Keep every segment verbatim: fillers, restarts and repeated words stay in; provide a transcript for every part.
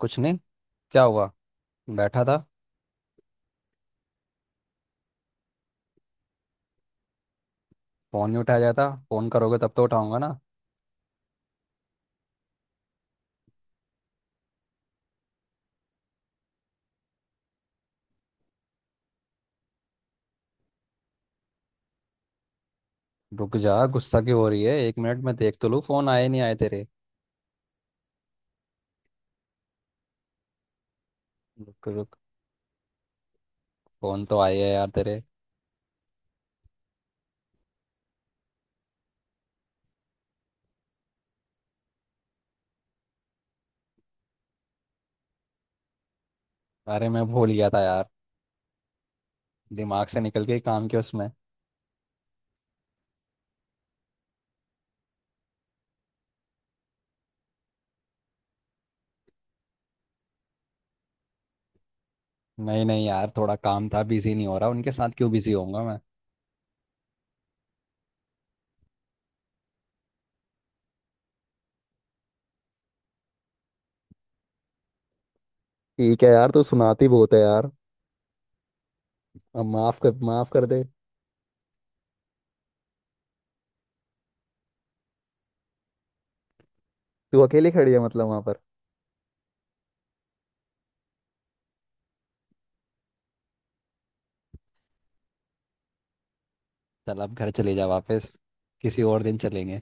कुछ नहीं। क्या हुआ। बैठा था। फोन नहीं उठाया जाता, फोन करोगे तब तो उठाऊंगा ना। रुक जा, गुस्सा क्यों हो रही है। एक मिनट मैं देख तो लूँ फोन आए नहीं आए तेरे। रुक रुक। फोन तो आए है यार तेरे। अरे मैं भूल गया था यार, दिमाग से निकल के काम के उसमें। नहीं नहीं यार, थोड़ा काम था, बिजी नहीं हो रहा उनके साथ, क्यों बिजी होऊंगा मैं। ठीक है यार, तू सुनाती बहुत है यार। अब माफ कर, माफ कर दे। तू अकेली खड़ी है मतलब वहां पर? चल, अब घर चले जा वापस, किसी और दिन चलेंगे।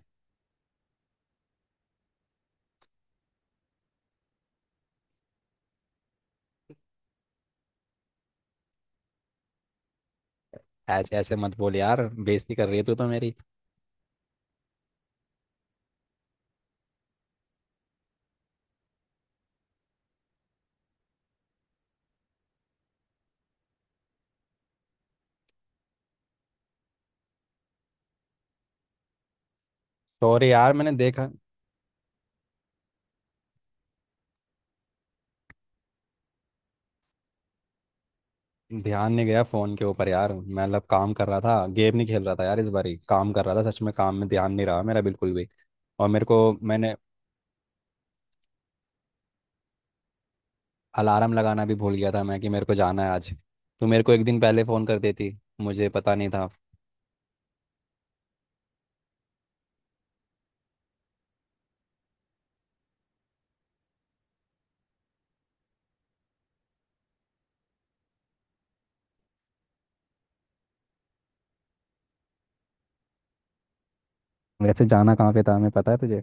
ऐसे ऐसे मत बोल यार, बेइज्जती कर रही है तू तो मेरी। सॉरी यार, मैंने देखा। ध्यान नहीं गया फोन के ऊपर यार, मैं मतलब काम कर रहा था, गेम नहीं खेल रहा था यार, इस बारी काम कर रहा था, सच में काम में ध्यान नहीं रहा मेरा बिल्कुल भी। और मेरे को मैंने अलार्म लगाना भी भूल गया था मैं कि मेरे को जाना है आज। तू मेरे को एक दिन पहले फ़ोन कर देती, मुझे पता नहीं था। वैसे जाना कहाँ पे था हमें, पता है तुझे?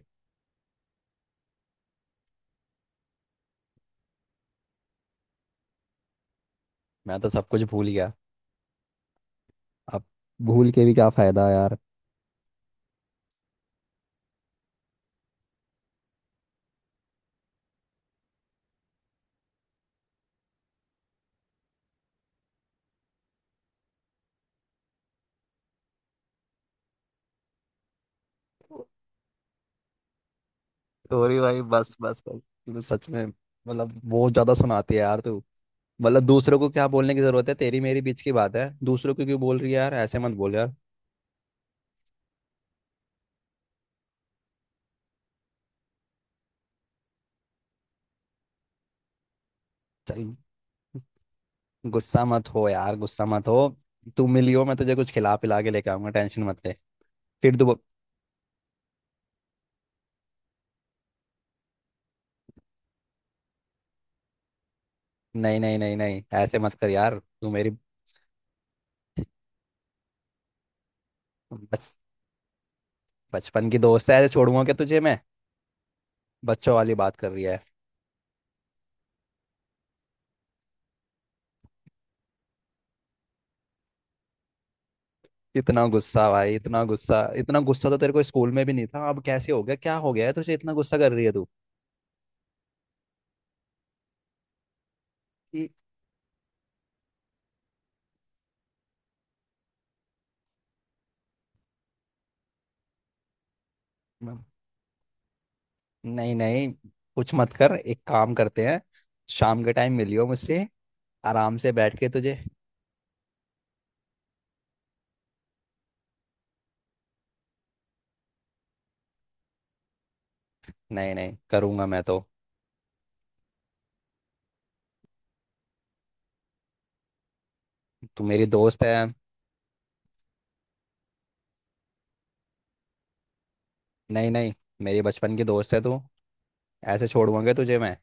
मैं तो सब कुछ भूल गया अब। भूल के भी क्या फ़ायदा यार। सॉरी भाई, बस बस बस। तू तो सच में मतलब बहुत ज़्यादा सुनाती है यार तू। मतलब दूसरों को क्या बोलने की ज़रूरत है, तेरी मेरी बीच की बात है, दूसरों को क्यों बोल रही है यार। ऐसे मत बोल यार। चल, गुस्सा मत हो यार, गुस्सा मत हो। तू मिलियो, मैं तुझे कुछ खिला पिला के लेके आऊंगा, टेंशन मत ले। फिर तू बो- नहीं नहीं नहीं नहीं, ऐसे मत कर यार, तू मेरी, बस। बचपन की दोस्त है, ऐसे छोड़ूंगा क्या तुझे मैं? बच्चों वाली बात कर रही है। इतना गुस्सा भाई, इतना गुस्सा इतना गुस्सा तो तेरे को स्कूल में भी नहीं था, अब कैसे हो गया, क्या हो गया है तुझे, इतना गुस्सा कर रही है तू। कि- नहीं नहीं, कुछ मत कर, एक काम करते हैं, शाम के टाइम मिलियो मुझसे, आराम से बैठ के तुझे। नहीं नहीं करूंगा मैं तो, तू मेरी दोस्त है। नहीं नहीं, मेरी बचपन की दोस्त है तू, ऐसे छोड़ूंगा तुझे मैं?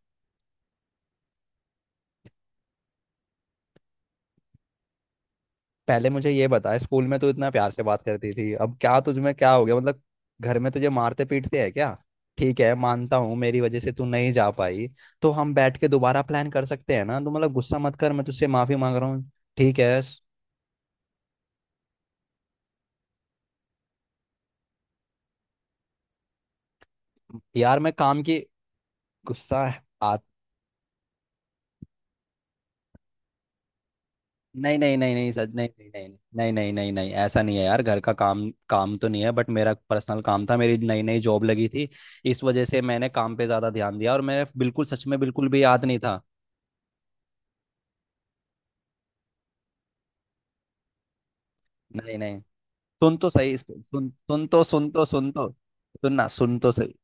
पहले मुझे ये बता, स्कूल में तू इतना प्यार से बात करती थी, अब क्या तुझ में क्या हो गया मतलब, घर में तुझे मारते पीटते हैं क्या? ठीक है, मानता हूँ मेरी वजह से तू नहीं जा पाई, तो हम बैठ के दोबारा प्लान कर सकते हैं ना। तू मतलब गुस्सा मत कर, मैं तुझसे माफी मांग रहा हूँ। ठीक है स- यार, मैं काम की, गुस्सा। नहीं नहीं नहीं नहीं, सच, नहीं नहीं नहीं, नहीं नहीं नहीं नहीं, ऐसा नहीं है यार, घर का काम काम तो नहीं है, बट मेरा पर्सनल काम था, मेरी नई नई जॉब लगी थी, इस वजह से मैंने काम पे ज्यादा ध्यान दिया और मेरे बिल्कुल, सच में बिल्कुल भी याद नहीं था। नहीं नहीं, सुन तो सही, सुन सुन सुन तो सुन तो सुन तो, सुन ना, सुन तो सही।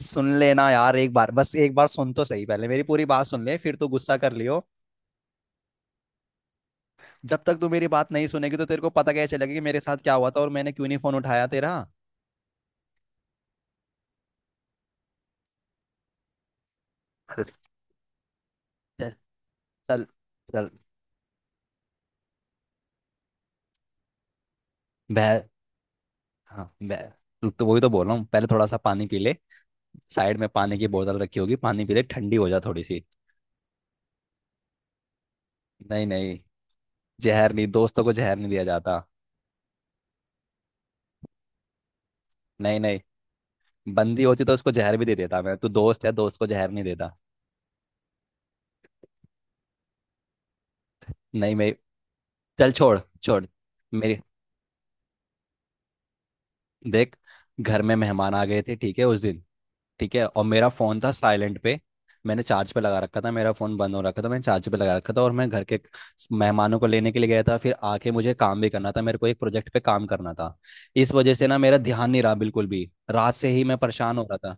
सुन लेना यार, एक बार, बस एक बार सुन तो सही, पहले मेरी पूरी बात सुन ले, फिर तो गुस्सा कर लियो। जब तक तू मेरी बात नहीं सुनेगी, तो तेरे को पता कैसे चलेगा कि मेरे साथ क्या हुआ था और मैंने क्यों नहीं फोन उठाया तेरा। अरे, चल चल चल। बह हाँ, मैं तो, तो वही तो बोल रहा हूँ, पहले थोड़ा सा पानी पी ले, साइड में पानी की बोतल रखी होगी, पानी पी ले, ठंडी हो जा थोड़ी सी। नहीं नहीं, जहर नहीं, दोस्तों को जहर नहीं दिया जाता। नहीं नहीं, बंदी होती तो उसको जहर भी दे देता मैं, तू दोस्त है, दोस्त को जहर नहीं देता। नहीं मैं, चल छोड़ छोड़ मेरी। देख, घर में मेहमान आ गए थे, ठीक है उस दिन, ठीक है, और मेरा फोन था साइलेंट पे, मैंने चार्ज पे लगा रखा था, मेरा फोन बंद हो रखा था, मैंने चार्ज पे लगा रखा था और मैं घर के मेहमानों को लेने के लिए गया था, फिर आके मुझे काम भी करना था, मेरे को एक प्रोजेक्ट पे काम करना था, इस वजह से ना मेरा ध्यान नहीं रहा बिल्कुल भी, रात से ही मैं परेशान हो रहा था।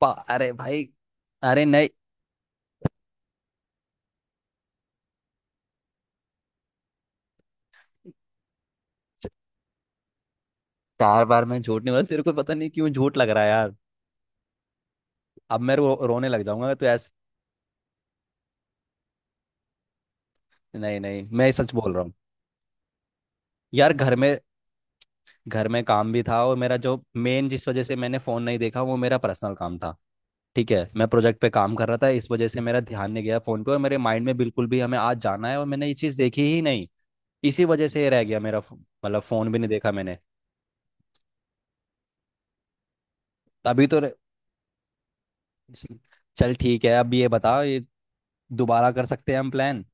पा, अरे भाई, अरे नहीं, चार बार मैं झूठ नहीं बोला, तेरे को पता नहीं क्यों झूठ लग रहा है यार। अब मैं रो, रोने लग जाऊंगा तो ऐसा। नहीं नहीं मैं सच बोल रहा हूँ, यार घर में घर में काम भी था, और मेरा जो मेन, जिस वजह से मैंने फोन नहीं देखा, वो मेरा पर्सनल काम था। ठीक है, मैं प्रोजेक्ट पे काम कर रहा था, इस वजह से मेरा ध्यान नहीं गया फोन पे, और मेरे माइंड में बिल्कुल भी हमें आज जाना है और मैंने ये चीज देखी ही नहीं, इसी वजह से ये रह गया मेरा फो- मतलब फोन भी नहीं देखा मैंने। अभी तो रे- चल ठीक है, अब ये बता, ये दोबारा कर सकते हैं हम प्लान।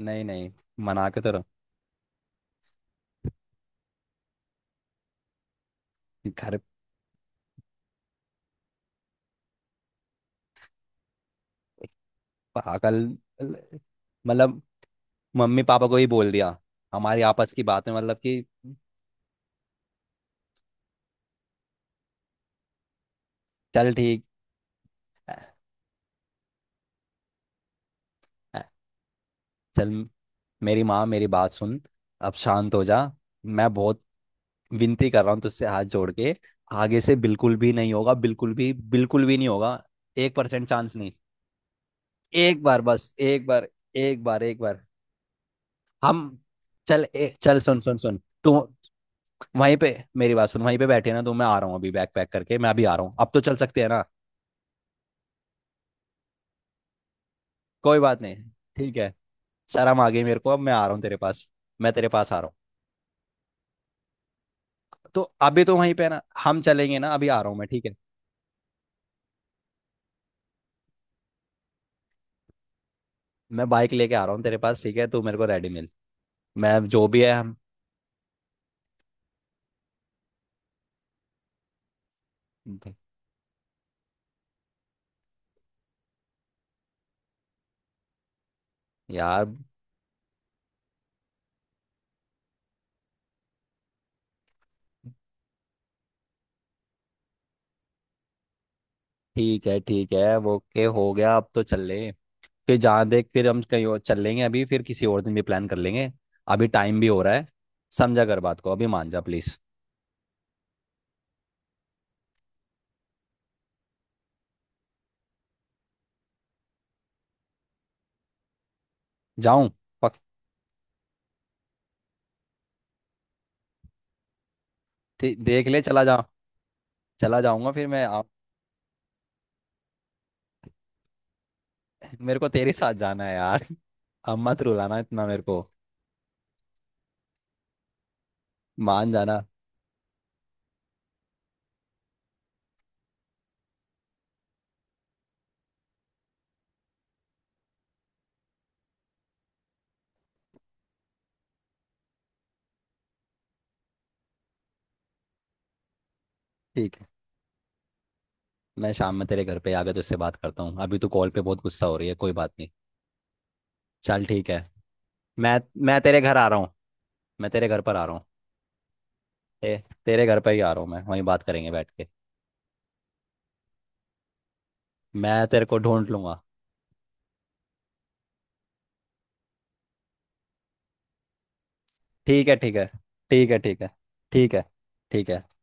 नहीं नहीं, मना के तो रहो। घर। पागल, मतलब मम्मी पापा को ही बोल दिया, हमारी आपस की बात है मतलब कि। चल ठीक, चल मेरी माँ, मेरी बात सुन, अब शांत हो जा, मैं बहुत विनती कर रहा हूँ तुझसे, हाथ जोड़ के, आगे से बिल्कुल भी नहीं होगा, बिल्कुल भी बिल्कुल भी नहीं होगा, एक परसेंट चांस नहीं। एक बार, बस एक बार, एक बार, एक बार, हम। चल, ए, चल सुन सुन सुन तू, वहीं पे, मेरी बात सुन, वहीं पे बैठे ना तो मैं आ रहा हूँ, अभी बैग पैक करके मैं अभी आ रहा हूँ, अब तो चल सकते हैं ना। कोई बात नहीं, ठीक है, शर्म आ गई मेरे को, अब मैं आ रहा हूँ तेरे पास, मैं तेरे पास आ रहा हूँ। तो अभी तो वहीं पे है ना, हम चलेंगे ना, अभी आ रहा हूँ मैं, ठीक है। मैं बाइक लेके आ रहा हूँ तेरे पास, ठीक है, तू मेरे को रेडी मिल, मैं जो भी है, हम यार, ठीक है ठीक है वो, ओके हो गया, अब तो चल लें, फिर जहाँ देख, फिर हम कहीं और चल लेंगे, अभी फिर किसी और दिन भी प्लान कर लेंगे, अभी टाइम भी हो रहा है, समझा कर बात को, अभी मान जा प्लीज। जाऊं? पक ठीक- देख ले, चला जा, चला जाऊंगा फिर मैं आप, मेरे को तेरे साथ जाना है यार। अब मत रुलाना इतना मेरे को, मान जाना, ठीक है, मैं शाम में तेरे घर पे आके तुझसे बात करता हूँ, अभी तो कॉल पे बहुत गुस्सा हो रही है, कोई बात नहीं, चल ठीक है, मैं मैं तेरे घर आ रहा हूँ। मैं तेरे घर पर आ रहा हूँ, ए, तेरे घर पर ही आ रहा हूँ मैं, वहीं बात करेंगे बैठ के, मैं तेरे को ढूंढ लूंगा। ठीक है, ठीक है, ठीक है, ठीक है, ठीक है, ठीक है।